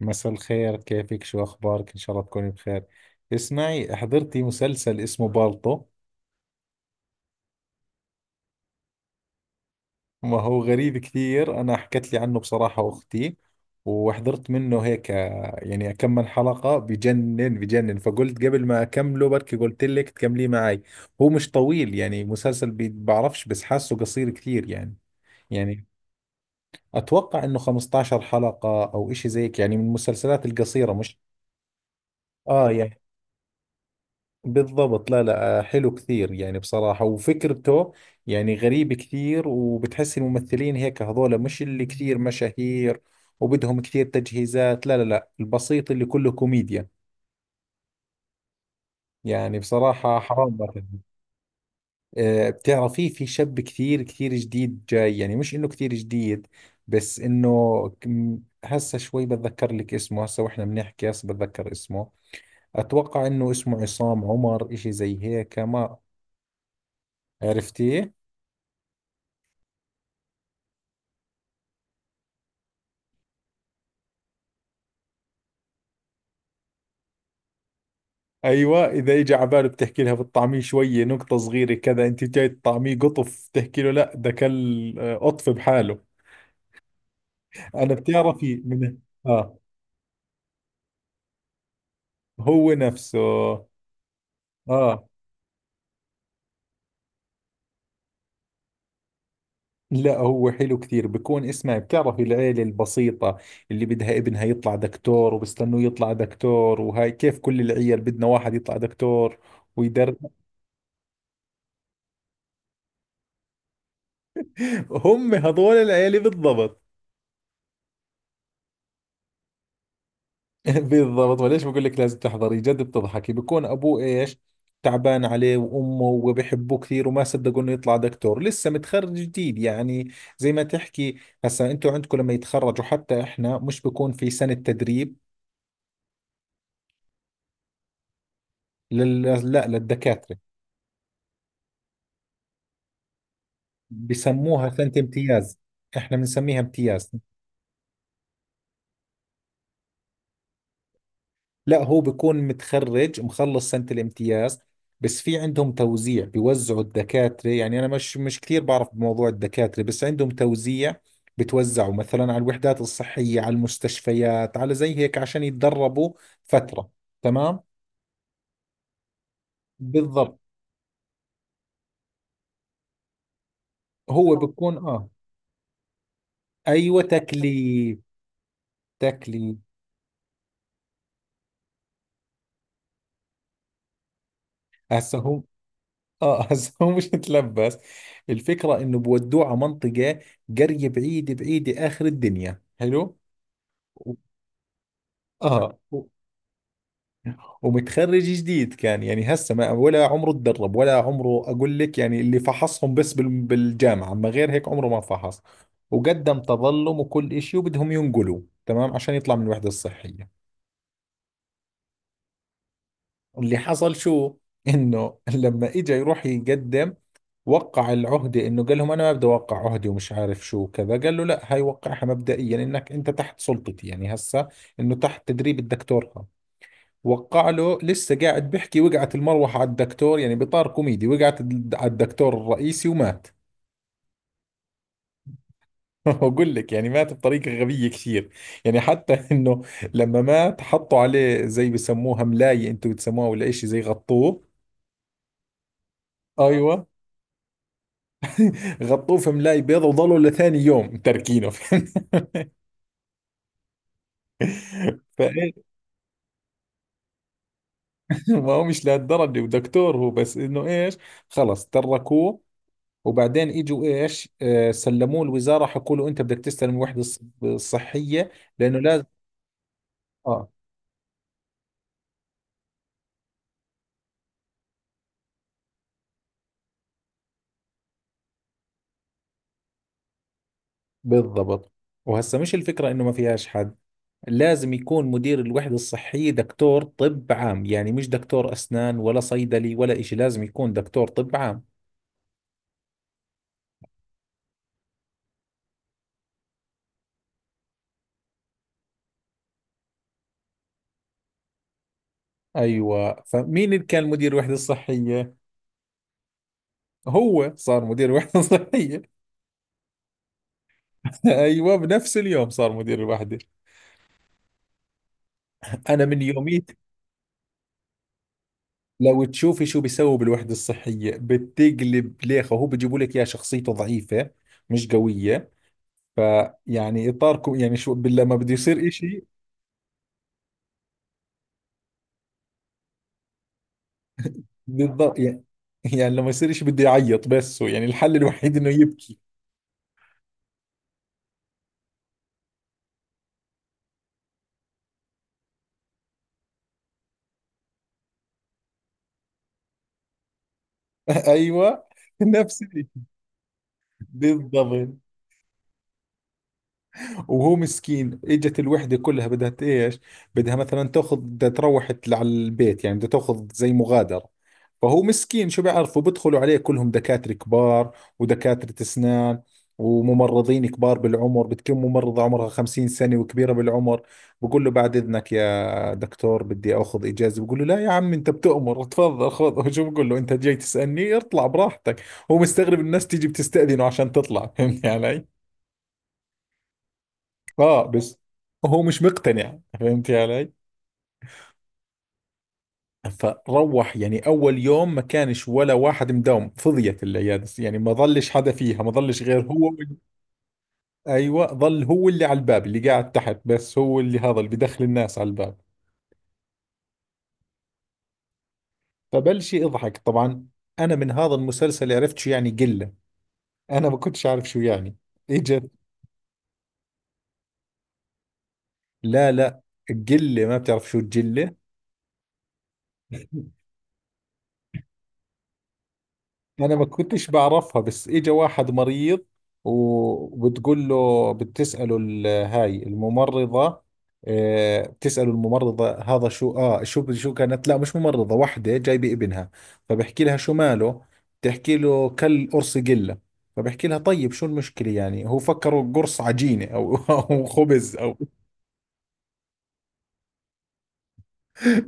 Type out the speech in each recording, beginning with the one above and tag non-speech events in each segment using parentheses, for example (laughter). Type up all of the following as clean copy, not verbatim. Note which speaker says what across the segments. Speaker 1: مساء الخير، كيفك؟ شو أخبارك؟ إن شاء الله تكوني بخير. اسمعي حضرتي، مسلسل اسمه بالطو. ما هو غريب كثير. أنا حكت لي عنه بصراحة أختي وحضرت منه هيك، يعني كم من حلقة، بجنن بجنن، فقلت قبل ما أكمله بركي قلت لك تكمليه معي. هو مش طويل، يعني مسلسل بعرفش، بس حاسه قصير كثير يعني. يعني أتوقع إنه 15 حلقة أو إشي زيك، يعني من المسلسلات القصيرة مش؟ آه يعني. بالضبط، لا لا آه، حلو كثير يعني بصراحة. وفكرته يعني غريب كثير، وبتحس الممثلين هيك هذول مش اللي كثير مشاهير وبدهم كثير تجهيزات، لا لا لا، البسيط اللي كله كوميديا. يعني بصراحة حرام ما فيلم. بتعرفي في شاب كثير كثير جديد جاي، يعني مش انه كثير جديد بس انه كم- هسه شوي بتذكر لك اسمه، هسه واحنا بنحكي هسه بتذكر اسمه. اتوقع انه اسمه عصام عمر، اشي زي هيك. ما عرفتيه؟ ايوه. اذا اجى على باله بتحكي لها بتطعميه شويه نقطه صغيره كذا، انت جاي تطعميه قطف، تحكي له لا ده كل قطف بحاله. انا بتعرفي من. اه هو نفسه. اه. لا هو حلو كثير بكون. اسمعي، بتعرفي العيلة البسيطة اللي بدها ابنها يطلع دكتور، وبستنوه يطلع دكتور، وهاي كيف كل العيال بدنا واحد يطلع دكتور ويدرب. هم هذول العيلة بالضبط. (laughs) بالضبط. وليش بقول لك لازم تحضري؟ جد بتضحكي. بكون ابوه ايش، تعبان عليه، وامه، وبحبوه كثير، وما صدقوا انه يطلع دكتور. لسه متخرج جديد يعني، زي ما تحكي. هسا انتوا عندكم لما يتخرجوا، حتى احنا، مش بكون في سنة تدريب؟ لل... لا للدكاترة. بسموها سنة امتياز، احنا بنسميها امتياز. لا هو بيكون متخرج، مخلص سنة الامتياز، بس في عندهم توزيع، بيوزعوا الدكاترة. يعني أنا مش كثير بعرف بموضوع الدكاترة، بس عندهم توزيع. بتوزعوا مثلا على الوحدات الصحية، على المستشفيات، على زي هيك عشان يتدربوا فترة. تمام. بالضبط، هو بيكون آه. أيوة، تكليف. تكليف. هسه هو آه. (laughs) هسه هو مش متلبس. الفكرة إنه بودوه على منطقة، قرية بعيدة بعيدة آخر الدنيا. حلو. اه. ومتخرج جديد كان، يعني هسه ما ولا عمره تدرب، ولا عمره اقول لك يعني، اللي فحصهم بس بالجامعه، اما غير هيك عمره ما فحص. وقدم تظلم وكل إشي، وبدهم ينقلوا. تمام، عشان يطلع من الوحده الصحيه. اللي حصل شو، انه لما اجى يروح يقدم وقع العهده، انه قال لهم انا ما بدي اوقع عهدي ومش عارف شو كذا. قال له لا هاي وقعها مبدئيا، انك انت تحت سلطتي. يعني هسه انه تحت تدريب الدكتور. وقع له، لسه قاعد بحكي، وقعت المروحة على الدكتور. يعني بإطار كوميدي، على الدكتور الرئيسي ومات. (laughs) بقول لك، يعني مات بطريقة غبية كثير. يعني حتى (laughs) انه لما مات حطوا عليه زي بسموها ملاية، انتم بتسموها ولا اشي، زي غطوه. ايوه، غطوه في ملاي بيضة وظلوا لثاني يوم تركينه. (laughs) فايه. ما هو مش لهالدرجة، ودكتور هو، بس انه ايش، خلص تركوه. وبعدين اجوا ايش سلموه الوزاره، حكوا له انت بدك تستلم الوحده الصحيه، لانه لازم. اه. بالضبط. وهسه مش الفكره انه ما فيهاش حد، لازم يكون مدير الوحده الصحيه دكتور طب عام، يعني مش دكتور اسنان ولا صيدلي ولا إشي، لازم يكون دكتور طب عام. ايوه، فمين اللي كان مدير الوحده الصحيه؟ هو صار مدير الوحده الصحيه. (laughs) ايوه، بنفس اليوم صار مدير الوحده. انا من يوميها. لو تشوفي شو بيسووا بالوحدة الصحية بتقلب ليخة. هو بيجيبوا لك يا شخصيته ضعيفة، مش قوية. فيعني إطاركم يعني شو لما بده يصير إشي. بالضبط يعني، يعني لما يصير إشي بده يعيط، بس هو يعني الحل الوحيد إنه يبكي. (laughs) أيوة، نفس الإشي. بالضبط. وهو مسكين اجت الوحده كلها بدها ايش، بدها مثلا تاخذ، بدها تروح على البيت، يعني بدها تاخذ زي مغادره. فهو مسكين شو بيعرفوا، بدخلوا عليه كلهم دكاتره كبار ودكاتره اسنان وممرضين كبار بالعمر. بتكون ممرضة عمرها 50 سنة وكبيرة بالعمر، بقول له بعد إذنك يا دكتور بدي أخذ إجازة. بقول له لا يا عم، أنت بتؤمر، تفضل خذ. (laughs) شو بقول له أنت جاي تسألني؟ اطلع براحتك. هو مستغرب الناس تيجي بتستأذنه عشان تطلع. (laughs) فهمت علي؟ اه بس هو مش مقتنع. فهمتي علي؟ فروح، يعني اول يوم ما كانش ولا واحد مداوم، فضيت العياده يعني، ما ظلش حدا فيها، ما ظلش غير هو ايوه. ظل هو اللي على الباب، اللي قاعد تحت، بس هو اللي هذا اللي بدخل الناس على الباب. فبلش يضحك طبعا. انا من هذا المسلسل عرفت شو يعني قله، انا ما كنتش عارف شو يعني اجت. لا لا، قله. ما بتعرف شو الجله؟ انا ما كنتش بعرفها، بس اجى واحد مريض، وبتقول له بتسأله هاي الممرضة، بتسأله الممرضة هذا شو، اه شو شو كانت، لا مش ممرضة، وحدة جايبة ابنها، فبحكي لها شو ماله، بتحكي له كل قرص قلة. فبحكي لها طيب شو المشكلة، يعني هو فكره قرص عجينة أو (laughs) أو خبز أو.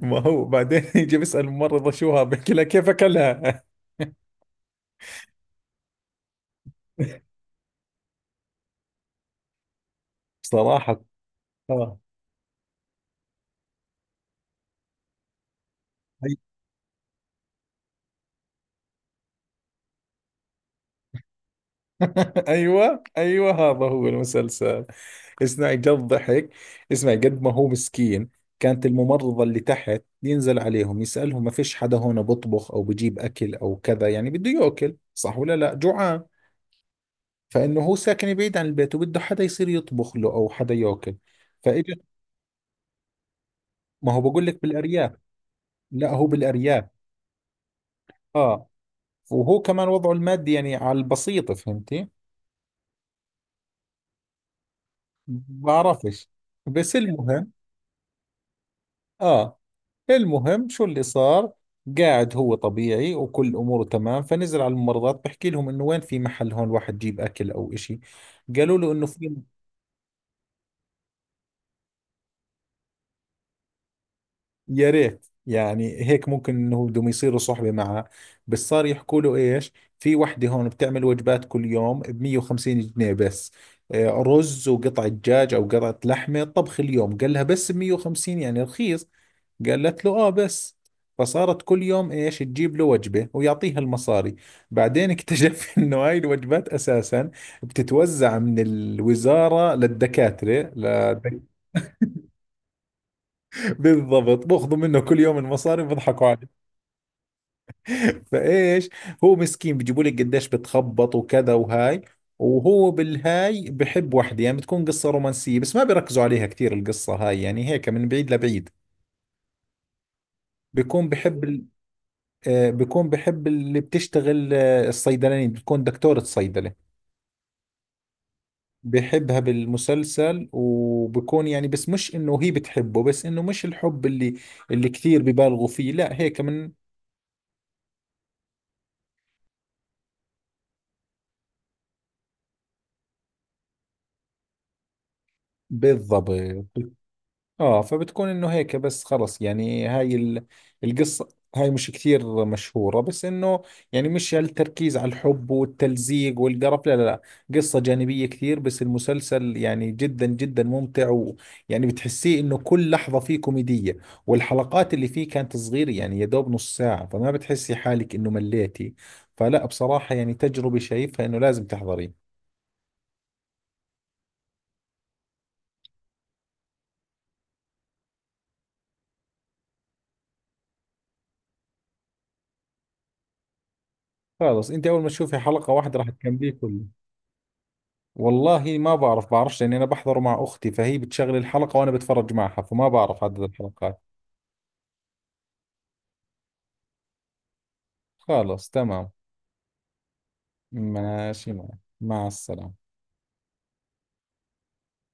Speaker 1: ما هو بعدين يجي بيسأل الممرضة شو ها، بحكي لها كيف أكلها. (laughs) صراحة. اه. (laughs) ايوه ايوه هذا هو المسلسل. اسمعي جد ضحك. اسمعي قد ما هو مسكين. كانت الممرضة اللي تحت، ينزل عليهم يسألهم ما فيش حدا هون بطبخ او بجيب اكل او كذا، يعني بده ياكل صح ولا لا جوعان. فانه هو ساكن بعيد عن البيت، وبده حدا يصير يطبخ له او حدا ياكل. فاجت. ما هو بقول لك بالارياف. لا هو بالارياف. اه. وهو كمان وضعه المادي يعني على البسيطة، فهمتي. بعرفش، بس المهم. اه. المهم شو اللي صار. قاعد هو طبيعي وكل اموره تمام، فنزل على الممرضات بحكي لهم انه وين في محل هون واحد يجيب اكل او اشي. قالوا له انه في. يا ريت، يعني هيك ممكن انه بدهم يصيروا صحبة معه، بس صار يحكوا له ايش، في وحدة هون بتعمل وجبات كل يوم ب 150 جنيه بس، رز وقطعة دجاج او قطعة لحمة طبخ اليوم. قال لها بس ب 150 يعني رخيص. قالت له اه بس. فصارت كل يوم ايش، تجيب له وجبة ويعطيها المصاري. بعدين اكتشف (laughs) انه هاي الوجبات اساسا بتتوزع من الوزارة للدكاترة ل... (laughs) بالضبط، باخذوا منه كل يوم المصاري وبضحكوا عليه. فايش، هو مسكين بيجيبوا لك قديش بتخبط وكذا. وهاي، وهو بالهاي بحب وحده، يعني بتكون قصة رومانسية بس ما بيركزوا عليها كثير القصة هاي، يعني هيك من بعيد لبعيد. بيكون بحب ال... بيكون بحب اللي بتشتغل الصيدلانية، بتكون دكتورة صيدلة. بحبها بالمسلسل، وبكون يعني، بس مش انه هي بتحبه، بس انه مش الحب اللي، اللي كثير ببالغوا فيه، لا هيك من. بالضبط. اه. فبتكون انه هيك بس، خلص. يعني هاي القصة هاي مش كثير مشهورة، بس انه يعني مش هالتركيز على الحب والتلزيق والقرف، لا لا لا. قصة جانبية كثير، بس المسلسل يعني جدا جدا ممتع، ويعني بتحسيه انه كل لحظة فيه كوميدية. والحلقات اللي فيه كانت صغيرة، يعني يا دوب نص ساعة، فما بتحسي حالك انه مليتي. فلا بصراحة، يعني تجربة شايفها انه لازم تحضريه. خلص، انت اول ما تشوفي حلقة واحدة راح تكمليه كله. والله ما بعرف، بعرفش لاني انا بحضره مع اختي، فهي بتشغل الحلقة وانا بتفرج معها، فما بعرف عدد الحلقات. خلاص تمام. ماشي، معك مع السلامة.